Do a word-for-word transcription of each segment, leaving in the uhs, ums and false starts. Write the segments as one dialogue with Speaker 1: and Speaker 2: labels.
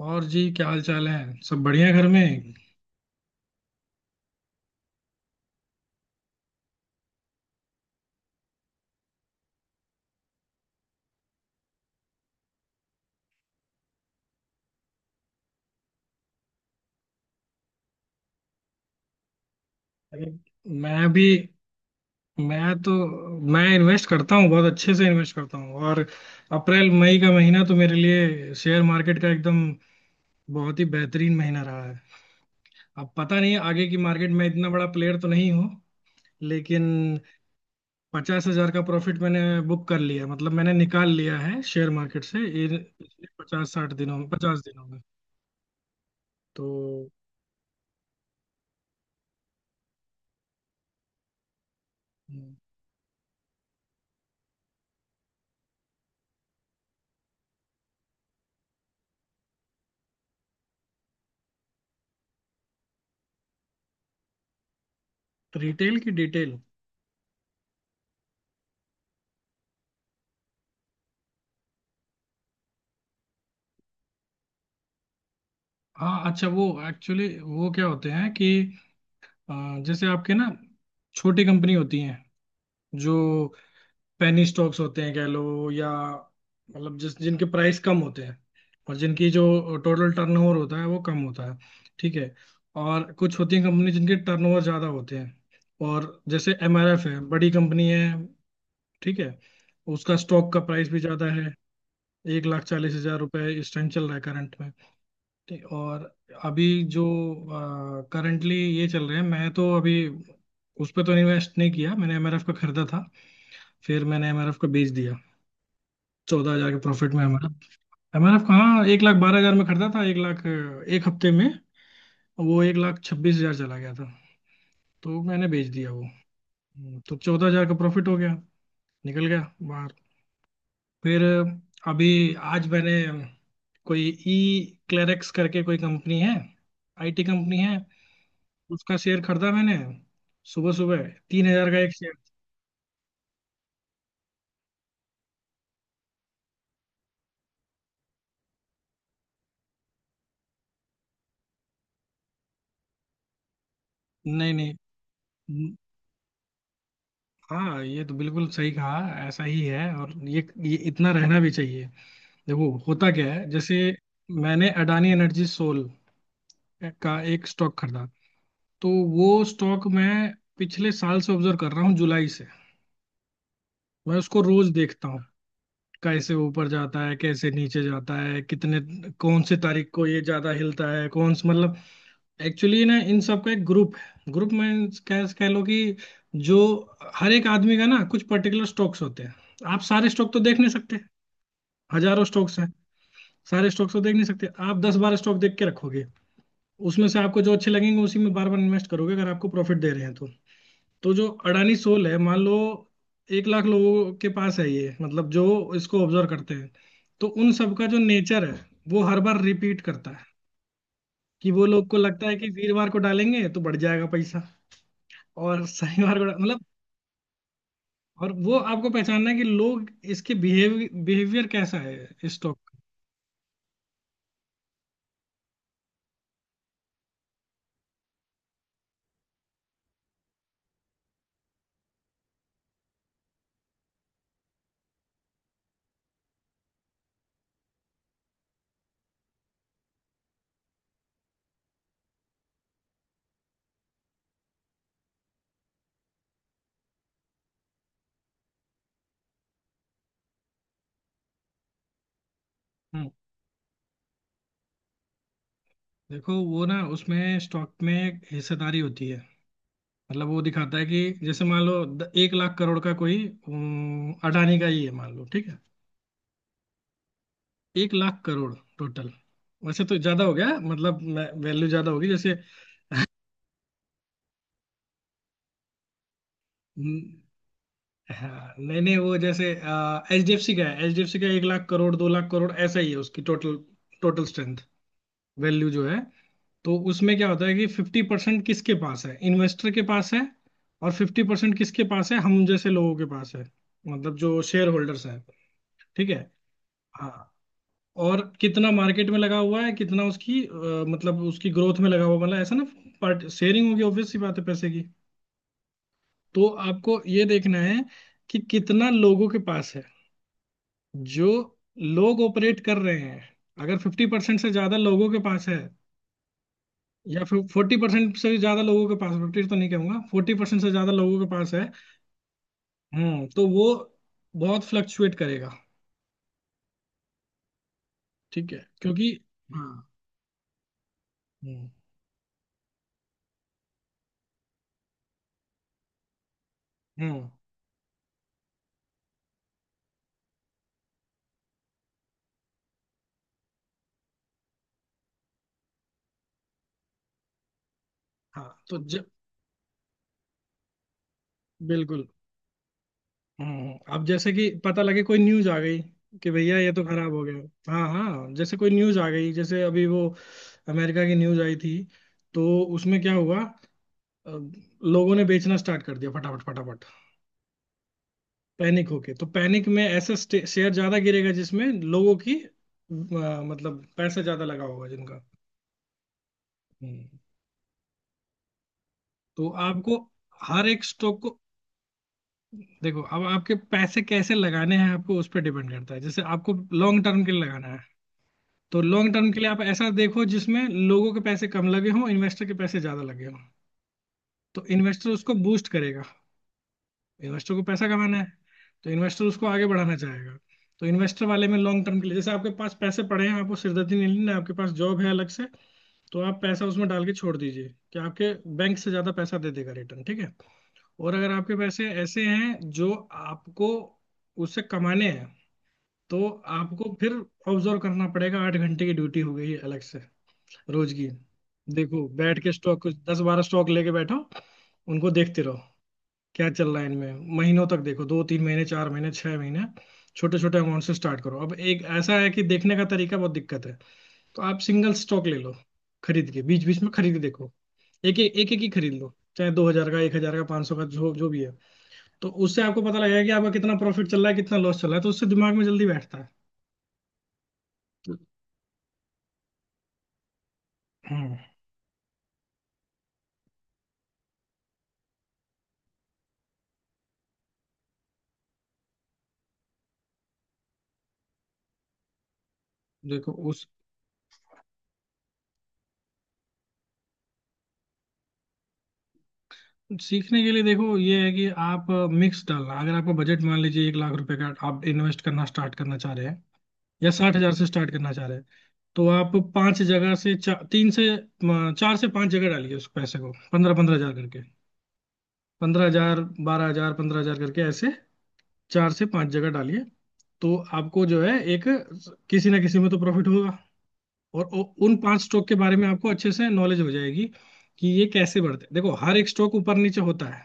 Speaker 1: और जी क्या हाल चाल है? सब बढ़िया घर में। अरे, मैं भी मैं तो मैं इन्वेस्ट करता हूँ, बहुत अच्छे से इन्वेस्ट करता हूँ। और अप्रैल मई का महीना तो मेरे लिए शेयर मार्केट का एकदम बहुत ही बेहतरीन महीना रहा है। अब पता नहीं, आगे की मार्केट में इतना बड़ा प्लेयर तो नहीं हूँ, लेकिन पचास हजार का प्रॉफिट मैंने बुक कर लिया, मतलब मैंने निकाल लिया है शेयर मार्केट से इन पिछले पचास साठ दिनों में, पचास दिनों में। तो रिटेल की डिटेल। हाँ, अच्छा वो एक्चुअली वो क्या होते हैं कि अ, जैसे आपके ना छोटी कंपनी होती हैं, जो पेनी स्टॉक्स होते हैं कह लो, या मतलब जिस जिनके प्राइस कम होते हैं और जिनकी जो टोटल टर्नओवर होता है वो कम होता है। ठीक है। और कुछ होती हैं कंपनी जिनके टर्नओवर ज़्यादा होते हैं, और जैसे एमआरएफ है, बड़ी कंपनी है। ठीक है। उसका स्टॉक का प्राइस भी ज़्यादा है, एक लाख चालीस हजार रुपये इस टाइम चल रहा है करंट में। ठीक, और अभी जो करंटली ये चल रहे हैं, मैं तो अभी उस पर तो इन्वेस्ट नहीं किया, मैंने एमआरएफ का खरीदा था, फिर मैंने एमआरएफ का बेच दिया चौदह हजार के प्रॉफिट में। एमआरएफ एमआरएफ कहाँ एक लाख बारह हजार में खरीदा था, एक लाख एक हफ्ते में वो एक लाख छब्बीस हजार चला गया था, तो मैंने बेच दिया वो। हम्म, तो चौदह हजार का प्रॉफिट हो गया, निकल गया बाहर। फिर अभी आज मैंने कोई ई क्लेरेक्स करके कोई कंपनी है, आईटी कंपनी है, उसका शेयर खरीदा मैंने सुबह सुबह, तीन हजार का एक शेयर। नहीं नहीं। हम्म, हाँ, ये तो बिल्कुल सही कहा, ऐसा ही है, और ये ये इतना रहना भी चाहिए। देखो होता क्या है, जैसे मैंने अडानी एनर्जी सोल का एक स्टॉक खरीदा, तो वो स्टॉक मैं पिछले साल से ऑब्जर्व कर रहा हूँ, जुलाई से। मैं उसको रोज देखता हूँ, कैसे ऊपर जाता है कैसे नीचे जाता है, कितने कौन सी तारीख को ये ज्यादा हिलता है, कौन सी, मतलब, एक्चुअली ना इन सब का एक ग्रुप है, ग्रुप में कह कह लो कि जो हर एक आदमी का ना कुछ पर्टिकुलर स्टॉक्स होते हैं, आप सारे स्टॉक तो देख नहीं सकते, हजारों स्टॉक्स हैं, सारे स्टॉक्स तो देख नहीं सकते। आप दस बारह स्टॉक देख के रखोगे, उसमें से आपको जो अच्छे लगेंगे उसी में बार बार इन्वेस्ट करोगे अगर आपको प्रॉफिट दे रहे हैं तो। तो जो अडानी सोल है मान लो, एक लाख लोगों के पास है ये, मतलब जो इसको ऑब्जर्व करते हैं, तो उन सबका जो नेचर है वो हर बार रिपीट करता है, कि वो लोग को लगता है कि वीरवार को डालेंगे तो बढ़ जाएगा पैसा। और सही मार्ग मतलब, और वो आपको पहचानना है कि लोग इसके बिहेव बिहेवियर कैसा है स्टॉक का। हम्म। देखो वो ना उसमें स्टॉक में हिस्सेदारी होती है, मतलब वो दिखाता है कि जैसे मान लो द- एक लाख करोड़ का कोई अम, अडानी का ही है, मान लो, ठीक है। एक लाख करोड़ टोटल। वैसे तो ज्यादा हो गया मतलब, वैल्यू ज्यादा होगी। जैसे, हम्म, हाँ, नहीं नहीं, वो जैसे एच डी एफ सी का है, एच डी एफ सी का एक लाख करोड़ दो लाख करोड़ ऐसा ही है, उसकी टोटल टोटल स्ट्रेंथ वैल्यू जो है। तो उसमें क्या होता है कि फिफ्टी परसेंट किसके पास है? इन्वेस्टर के पास है, और फिफ्टी परसेंट किसके पास है? हम जैसे लोगों के पास है, मतलब जो शेयर होल्डर्स हैं। ठीक है। हाँ। और कितना मार्केट में लगा हुआ है, कितना उसकी अ, मतलब उसकी ग्रोथ में लगा हुआ, मतलब ऐसा ना पार्ट शेयरिंग होगी, ऑब्वियस सी बात है पैसे की। तो आपको ये देखना है कि कितना लोगों के पास है जो लोग ऑपरेट कर रहे हैं। अगर फिफ्टी परसेंट से ज्यादा लोगों के पास है, या फिर फोर्टी परसेंट से ज्यादा लोगों के पास, फिफ्टी तो नहीं कहूंगा, फोर्टी परसेंट से ज्यादा लोगों के पास है, हम्म, तो वो बहुत फ्लक्चुएट करेगा। ठीक है, क्योंकि हाँ। हम्म हम्म। हाँ, तो जब बिल्कुल। हम्म हम्म, अब जैसे कि पता लगे कोई न्यूज आ गई कि भैया ये तो खराब हो गया, हाँ हाँ, जैसे कोई न्यूज आ गई, जैसे अभी वो अमेरिका की न्यूज आई थी, तो उसमें क्या हुआ, अ, लोगों ने बेचना स्टार्ट कर दिया फटाफट फटाफट। पैनिक होके, तो पैनिक में ऐसा स्टे- शेयर ज्यादा गिरेगा जिसमें लोगों की अ, मतलब पैसा ज्यादा लगा होगा जिनका। हम्म, तो आपको हर एक स्टॉक को देखो, अब आपके पैसे कैसे लगाने हैं आपको उस पर डिपेंड करता है। जैसे आपको लॉन्ग टर्म के लिए लगाना है, तो लॉन्ग टर्म के लिए आप ऐसा देखो जिसमें लोगों के पैसे कम लगे हों, इन्वेस्टर के पैसे ज्यादा लगे हों, तो इन्वेस्टर उसको बूस्ट करेगा। इन्वेस्टर को पैसा कमाना है, तो इन्वेस्टर उसको आगे बढ़ाना चाहेगा। तो इन्वेस्टर वाले में लॉन्ग टर्म के लिए, जैसे आपके पास पैसे पड़े हैं, आपको सिरदर्दी नहीं लेना है, आपके पास जॉब है अलग से, तो आप पैसा उसमें डाल के छोड़ दीजिए कि आपके बैंक से ज्यादा पैसा दे देगा रिटर्न। ठीक है। और अगर आपके पैसे ऐसे हैं जो आपको उससे कमाने हैं, तो आपको फिर ऑब्जर्व करना पड़ेगा, आठ घंटे की ड्यूटी हो गई है अलग से, रोज की। देखो बैठ के स्टॉक, कुछ दस बारह स्टॉक लेके बैठो, उनको देखते रहो क्या चल रहा है इनमें, महीनों तक देखो, दो तीन महीने, चार महीने, छह महीने। छोटे छोटे अमाउंट से स्टार्ट करो। अब एक ऐसा है कि देखने का तरीका बहुत दिक्कत है, तो आप सिंगल स्टॉक ले लो, खरीद के, बीच बीच में खरीद के देखो। एक एक एक एक ही खरीद लो, चाहे दो हजार का, एक हजार का, पांच सौ का, जो जो भी है। तो उससे आपको पता लगेगा कि आपका कितना प्रॉफिट चल रहा है कितना लॉस चल रहा है, तो उससे दिमाग में जल्दी बैठता है। तो, हम्म, देखो उस सीखने के लिए देखो ये है कि आप मिक्स डालना, अगर आपका बजट मान लीजिए एक लाख रुपए का, आप इन्वेस्ट करना स्टार्ट करना चाह रहे हैं, या साठ हजार से स्टार्ट करना चाह रहे हैं, तो आप पांच जगह से चा, तीन से म, चार से पांच जगह डालिए उस पैसे को, पंद्रह पंद्रह हजार करके, पंद्रह हजार बारह हजार पंद्रह हजार करके ऐसे, चार से पांच जगह डालिए। तो आपको जो है एक किसी ना किसी में तो प्रॉफिट होगा, और उ- उन पांच स्टॉक के बारे में आपको अच्छे से नॉलेज हो जाएगी कि ये कैसे बढ़ते हैं। देखो हर एक स्टॉक ऊपर नीचे होता है,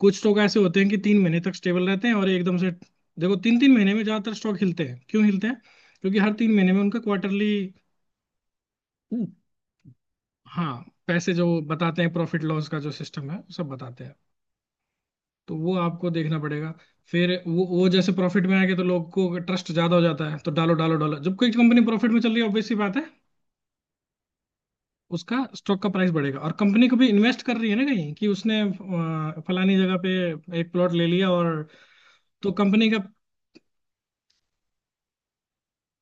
Speaker 1: कुछ स्टॉक ऐसे होते हैं कि तीन महीने तक स्टेबल रहते हैं और एकदम से, देखो तीन तीन महीने में ज्यादातर स्टॉक हिलते हैं। क्यों हिलते हैं? क्योंकि हर तीन महीने में उनका क्वार्टरली, हाँ, पैसे जो बताते हैं प्रॉफिट लॉस का, जो सिस्टम है सब बताते हैं। तो वो आपको देखना पड़ेगा, फिर वो वो जैसे प्रॉफिट में आएंगे तो लोग को ट्रस्ट ज्यादा हो जाता है तो डालो डालो डालो। जब कोई कंपनी प्रॉफिट में चल रही है, ऑब्वियस सी बात है, उसका स्टॉक का प्राइस बढ़ेगा, और कंपनी को भी इन्वेस्ट कर रही है ना कहीं, कि उसने अ, फलानी जगह पे एक प्लॉट ले लिया, और तो कंपनी का,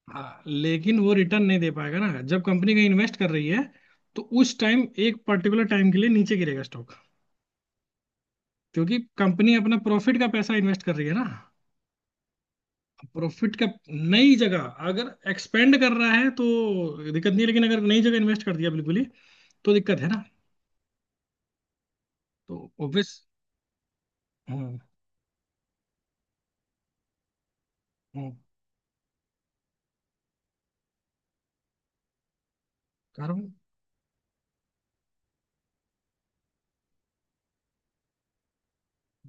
Speaker 1: हाँ, लेकिन वो रिटर्न नहीं दे पाएगा ना जब कंपनी कहीं इन्वेस्ट कर रही है, तो उस टाइम एक पर्टिकुलर टाइम के लिए नीचे गिरेगा स्टॉक, क्योंकि कंपनी अपना प्रॉफिट का पैसा इन्वेस्ट कर रही है ना। प्रॉफिट का, नई जगह, अगर एक्सपेंड कर रहा है तो दिक्कत नहीं है, लेकिन अगर नई जगह इन्वेस्ट कर दिया बिल्कुल ही, तो दिक्कत है ना। तो ऑब्वियस। हम्म हम्म। कर।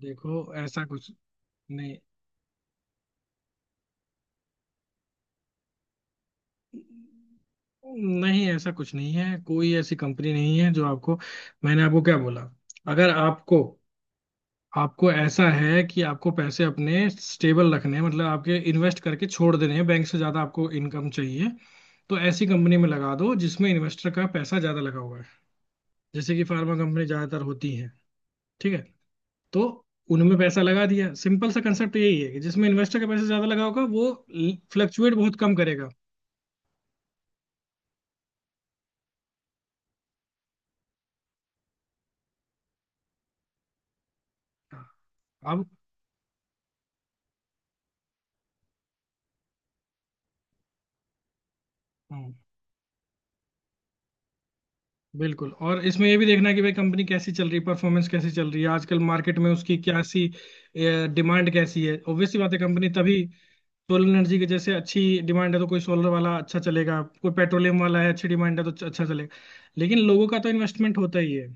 Speaker 1: देखो ऐसा कुछ, नहीं नहीं, ऐसा कुछ नहीं है, कोई ऐसी कंपनी नहीं है जो आपको, मैंने आपको क्या बोला, अगर आपको, आपको ऐसा है कि आपको पैसे अपने स्टेबल रखने हैं, मतलब आपके इन्वेस्ट करके छोड़ देने हैं, बैंक से ज्यादा आपको इनकम चाहिए, तो ऐसी कंपनी में लगा दो जिसमें इन्वेस्टर का पैसा ज्यादा लगा हुआ है, जैसे कि फार्मा कंपनी ज्यादातर होती हैं। ठीक है। तो उनमें पैसा लगा दिया। सिंपल सा कंसेप्ट यही है कि जिसमें इन्वेस्टर का पैसा ज्यादा लगा होगा वो फ्लक्चुएट बहुत कम करेगा। अब, हम्म, बिल्कुल, और इसमें ये भी देखना है कि भाई कंपनी कैसी चल रही है, परफॉर्मेंस कैसी चल रही है आजकल मार्केट में, उसकी क्या सी डिमांड कैसी है। ऑब्वियस सी बात है कंपनी तभी, सोलर एनर्जी की जैसे अच्छी डिमांड है तो कोई सोलर वाला अच्छा चलेगा, कोई पेट्रोलियम वाला है अच्छी डिमांड है तो अच्छा चलेगा। लेकिन लोगों का तो इन्वेस्टमेंट होता ही है।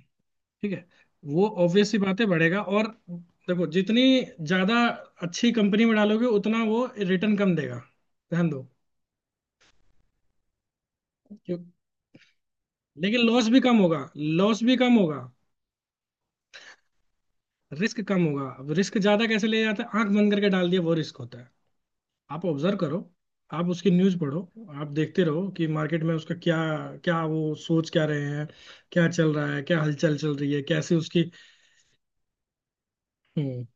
Speaker 1: ठीक है। वो ऑब्वियस सी बातें बढ़ेगा, और देखो, जितनी ज्यादा अच्छी कंपनी में डालोगे उतना वो रिटर्न कम देगा, ध्यान दो क्यों, लेकिन लॉस भी कम होगा, लॉस भी कम होगा, रिस्क कम होगा। अब रिस्क ज्यादा कैसे ले जाते हैं? आंख बंद करके डाल दिया वो रिस्क होता है। आप ऑब्जर्व करो, आप उसकी न्यूज पढ़ो, आप देखते रहो कि मार्केट में उसका क्या, क्या वो सोच क्या रहे हैं, क्या चल रहा है, क्या हलचल चल रही है, कैसे उसकी। हम्म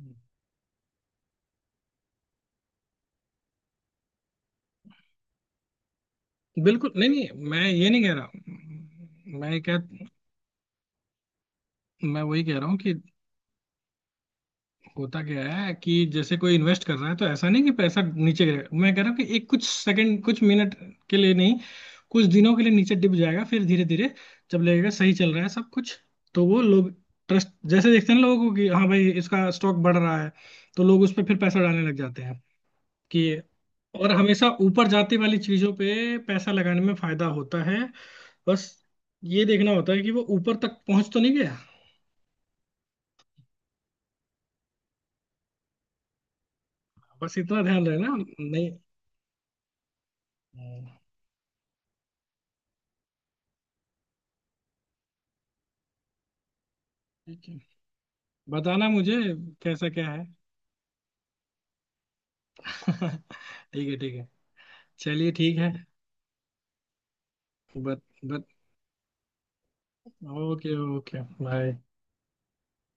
Speaker 1: हम्म। बिल्कुल नहीं नहीं, मैं ये नहीं कह रहा हूँ। मैं क्या, मैं वही कह रहा हूँ कि होता क्या है कि जैसे कोई इन्वेस्ट कर रहा है तो ऐसा नहीं कि पैसा नीचे गिरेगा, मैं कह रहा हूँ कि एक कुछ सेकंड कुछ मिनट के लिए नहीं, कुछ दिनों के लिए नीचे डिप जाएगा, फिर धीरे धीरे, जब लगेगा सही चल रहा है सब कुछ, तो वो लोग ट्रस्ट जैसे देखते हैं ना लोगों को कि हाँ भाई इसका स्टॉक बढ़ रहा है, तो लोग उस पर फिर पैसा डालने लग जाते हैं कि, और हमेशा ऊपर जाते वाली चीजों पे पैसा लगाने में फायदा होता है। बस ये देखना होता है कि वो ऊपर तक पहुंच तो नहीं गया, बस इतना ध्यान रहना। नहीं। ठीक है, बताना मुझे कैसा क्या है। ठीक है ठीक है, चलिए ठीक है। बत बत ओके ओके बाय।